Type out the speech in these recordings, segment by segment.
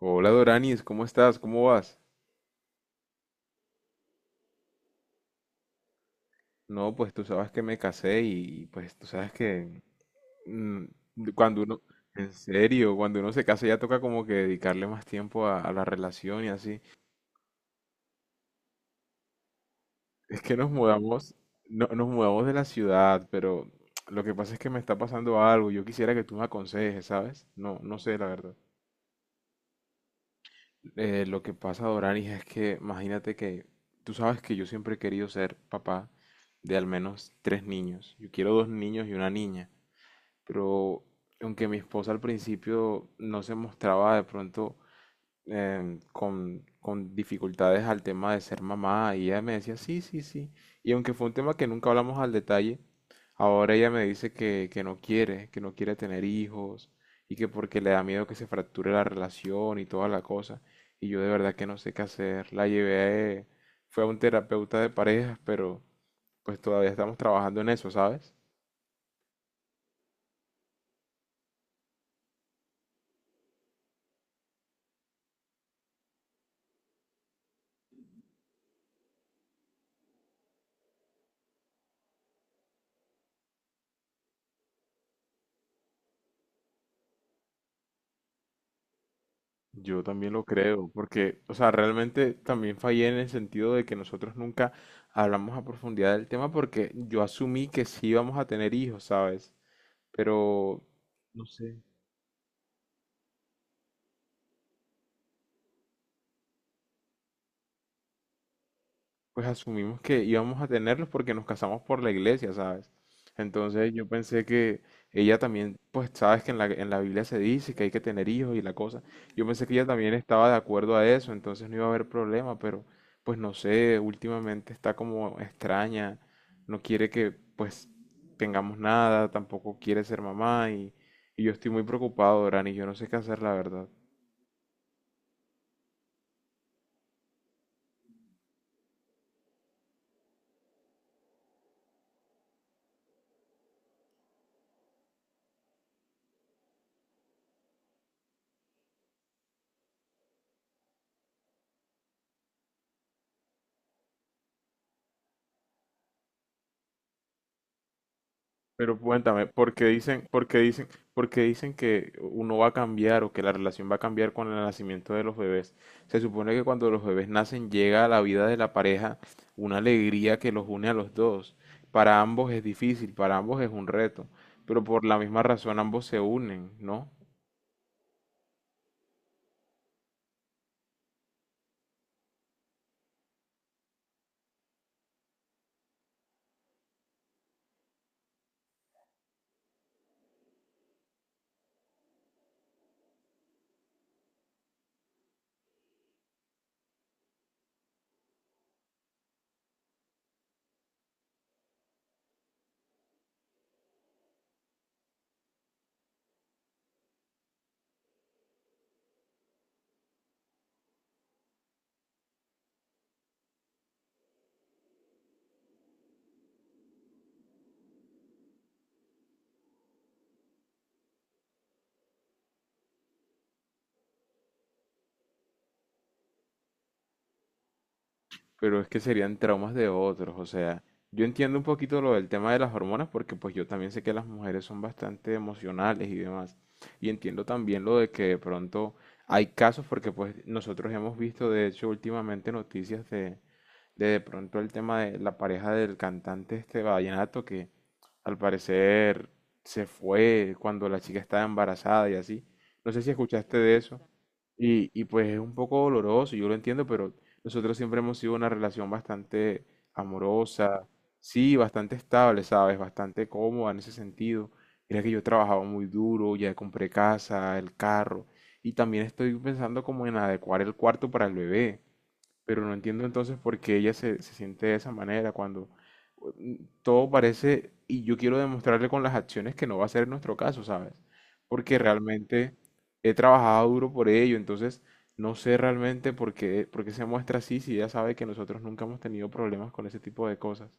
Hola Doranis, ¿cómo estás? ¿Cómo vas? No, pues tú sabes que me casé y pues tú sabes que mm, cuando uno, en serio, cuando uno se casa ya toca como que dedicarle más tiempo a la relación y así. Es que nos mudamos, no, nos mudamos de la ciudad, pero lo que pasa es que me está pasando algo. Yo quisiera que tú me aconsejes, ¿sabes? No, no sé, la verdad. Lo que pasa, Doranis, es que imagínate que tú sabes que yo siempre he querido ser papá de al menos tres niños. Yo quiero dos niños y una niña. Pero aunque mi esposa al principio no se mostraba de pronto con dificultades al tema de ser mamá, y ella me decía, sí, sí, sí, y aunque fue un tema que nunca hablamos al detalle, ahora ella me dice que no quiere tener hijos, y que porque le da miedo que se fracture la relación y toda la cosa, y yo de verdad que no sé qué hacer, la llevé, fue a un terapeuta de parejas, pero pues todavía estamos trabajando en eso, ¿sabes? Yo también lo creo, porque, o sea, realmente también fallé en el sentido de que nosotros nunca hablamos a profundidad del tema porque yo asumí que sí íbamos a tener hijos, ¿sabes? Pero, no sé. Pues asumimos que íbamos a tenerlos porque nos casamos por la iglesia, ¿sabes? Entonces yo pensé que ella también, pues sabes que en la Biblia se dice que hay que tener hijos y la cosa. Yo pensé que ella también estaba de acuerdo a eso, entonces no iba a haber problema, pero pues no sé, últimamente está como extraña, no quiere que pues tengamos nada, tampoco quiere ser mamá y yo estoy muy preocupado, Dorani, yo no sé qué hacer, la verdad. Pero cuéntame, ¿por qué dicen, por qué dicen, por qué dicen que uno va a cambiar o que la relación va a cambiar con el nacimiento de los bebés? Se supone que cuando los bebés nacen llega a la vida de la pareja una alegría que los une a los dos. Para ambos es difícil, para ambos es un reto, pero por la misma razón ambos se unen, ¿no? Pero es que serían traumas de otros, o sea, yo entiendo un poquito lo del tema de las hormonas porque pues yo también sé que las mujeres son bastante emocionales y demás. Y entiendo también lo de que de pronto hay casos porque pues nosotros hemos visto de hecho últimamente noticias de de pronto el tema de la pareja del cantante este vallenato que al parecer se fue cuando la chica estaba embarazada y así. No sé si escuchaste de eso. Y pues es un poco doloroso, yo lo entiendo, pero nosotros siempre hemos sido una relación bastante amorosa, sí, bastante estable, ¿sabes? Bastante cómoda en ese sentido. Mira que yo trabajaba muy duro, ya compré casa, el carro, y también estoy pensando como en adecuar el cuarto para el bebé. Pero no entiendo entonces por qué ella se, se siente de esa manera cuando mm, todo parece, y yo quiero demostrarle con las acciones que no va a ser nuestro caso, ¿sabes? Porque realmente he trabajado duro por ello, entonces no sé realmente por qué se muestra así si ella sabe que nosotros nunca hemos tenido problemas con ese tipo de cosas.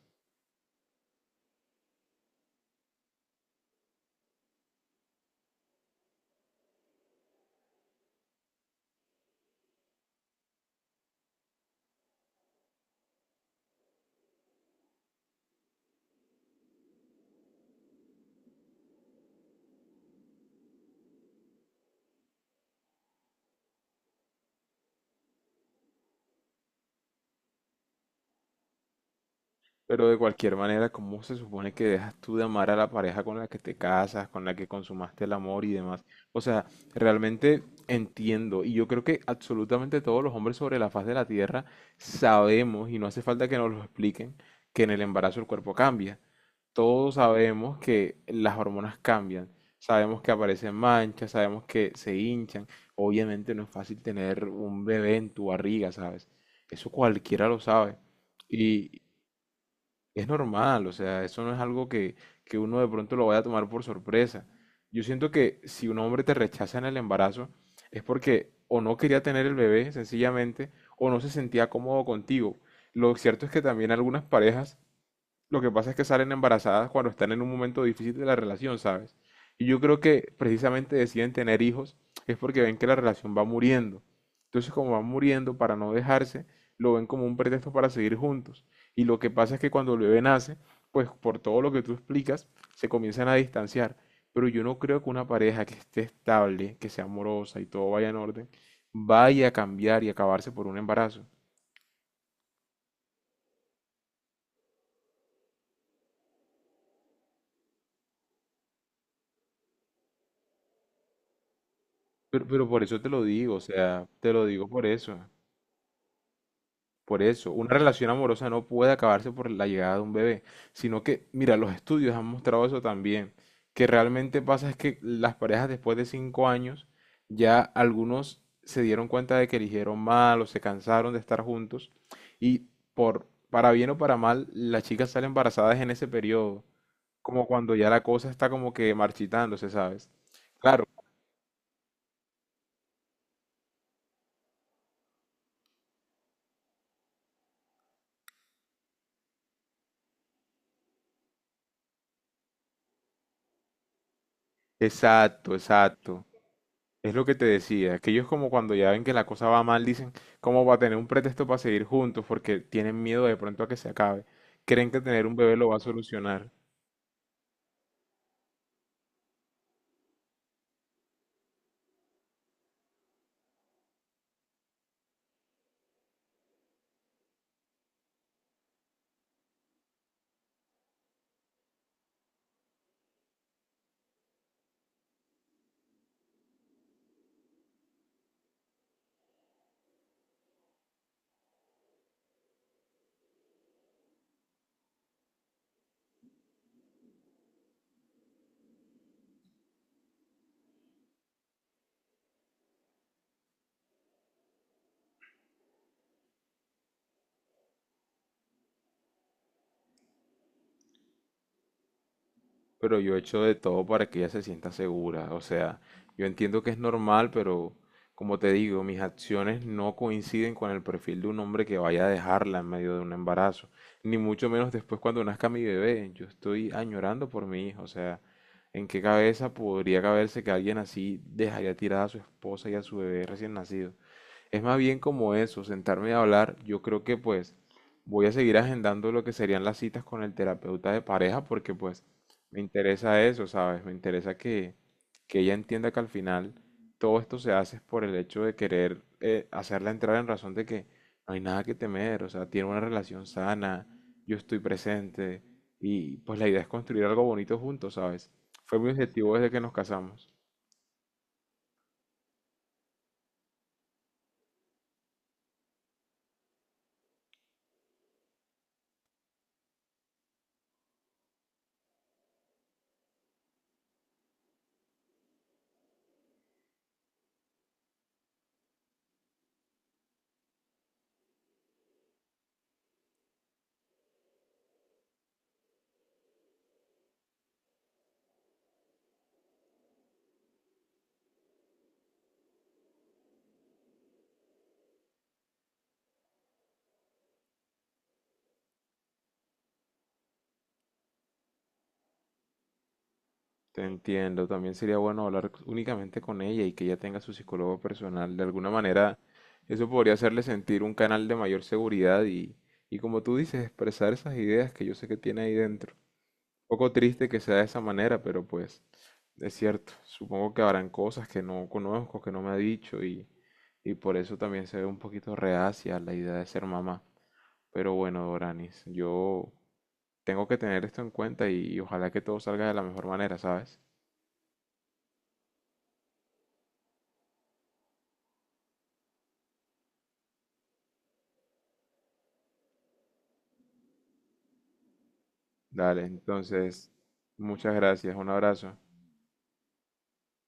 Pero de cualquier manera, ¿cómo se supone que dejas tú de amar a la pareja con la que te casas, con la que consumaste el amor y demás? O sea, realmente entiendo, y yo creo que absolutamente todos los hombres sobre la faz de la tierra sabemos, y no hace falta que nos lo expliquen, que en el embarazo el cuerpo cambia. Todos sabemos que las hormonas cambian, sabemos que aparecen manchas, sabemos que se hinchan. Obviamente no es fácil tener un bebé en tu barriga, ¿sabes? Eso cualquiera lo sabe. Es normal, o sea, eso no es algo que uno de pronto lo vaya a tomar por sorpresa. Yo siento que si un hombre te rechaza en el embarazo es porque o no quería tener el bebé, sencillamente, o no se sentía cómodo contigo. Lo cierto es que también algunas parejas lo que pasa es que salen embarazadas cuando están en un momento difícil de la relación, ¿sabes? Y yo creo que precisamente deciden tener hijos es porque ven que la relación va muriendo. Entonces, como van muriendo para no dejarse, lo ven como un pretexto para seguir juntos. Y lo que pasa es que cuando el bebé nace, pues por todo lo que tú explicas, se comienzan a distanciar. Pero yo no creo que una pareja que esté estable, que sea amorosa y todo vaya en orden, vaya a cambiar y acabarse por un embarazo. Pero por eso te lo digo, o sea, te lo digo por eso. Por eso, una relación amorosa no puede acabarse por la llegada de un bebé, sino que, mira, los estudios han mostrado eso también, que realmente pasa es que las parejas después de 5 años, ya algunos se dieron cuenta de que eligieron mal o se cansaron de estar juntos y por, para bien o para mal, las chicas salen embarazadas en ese periodo, como cuando ya la cosa está como que marchitándose, ¿sabes? Claro, exacto, exacto. Es lo que te decía, que ellos como cuando ya ven que la cosa va mal, dicen, ¿cómo va a tener un pretexto para seguir juntos? Porque tienen miedo de pronto a que se acabe. Creen que tener un bebé lo va a solucionar. Pero yo he hecho de todo para que ella se sienta segura. O sea, yo entiendo que es normal, pero como te digo, mis acciones no coinciden con el perfil de un hombre que vaya a dejarla en medio de un embarazo. Ni mucho menos después cuando nazca mi bebé. Yo estoy añorando por mi hija. O sea, ¿en qué cabeza podría caberse que alguien así dejaría tirada a su esposa y a su bebé recién nacido? Es más bien como eso, sentarme a hablar. Yo creo que pues voy a seguir agendando lo que serían las citas con el terapeuta de pareja porque pues me interesa eso, ¿sabes? Me interesa que ella entienda que al final todo esto se hace es por el hecho de querer hacerla entrar en razón de que no hay nada que temer, o sea, tiene una relación sana, yo estoy presente y pues la idea es construir algo bonito juntos, ¿sabes? Fue mi objetivo desde que nos casamos. Te entiendo, también sería bueno hablar únicamente con ella y que ella tenga su psicólogo personal. De alguna manera, eso podría hacerle sentir un canal de mayor seguridad y como tú dices, expresar esas ideas que yo sé que tiene ahí dentro. Poco triste que sea de esa manera, pero pues es cierto. Supongo que habrán cosas que no conozco, que no me ha dicho y por eso también se ve un poquito reacia a la idea de ser mamá. Pero bueno, Doranis, yo tengo que tener esto en cuenta y ojalá que todo salga de la mejor manera, ¿sabes? Dale, entonces, muchas gracias, un abrazo.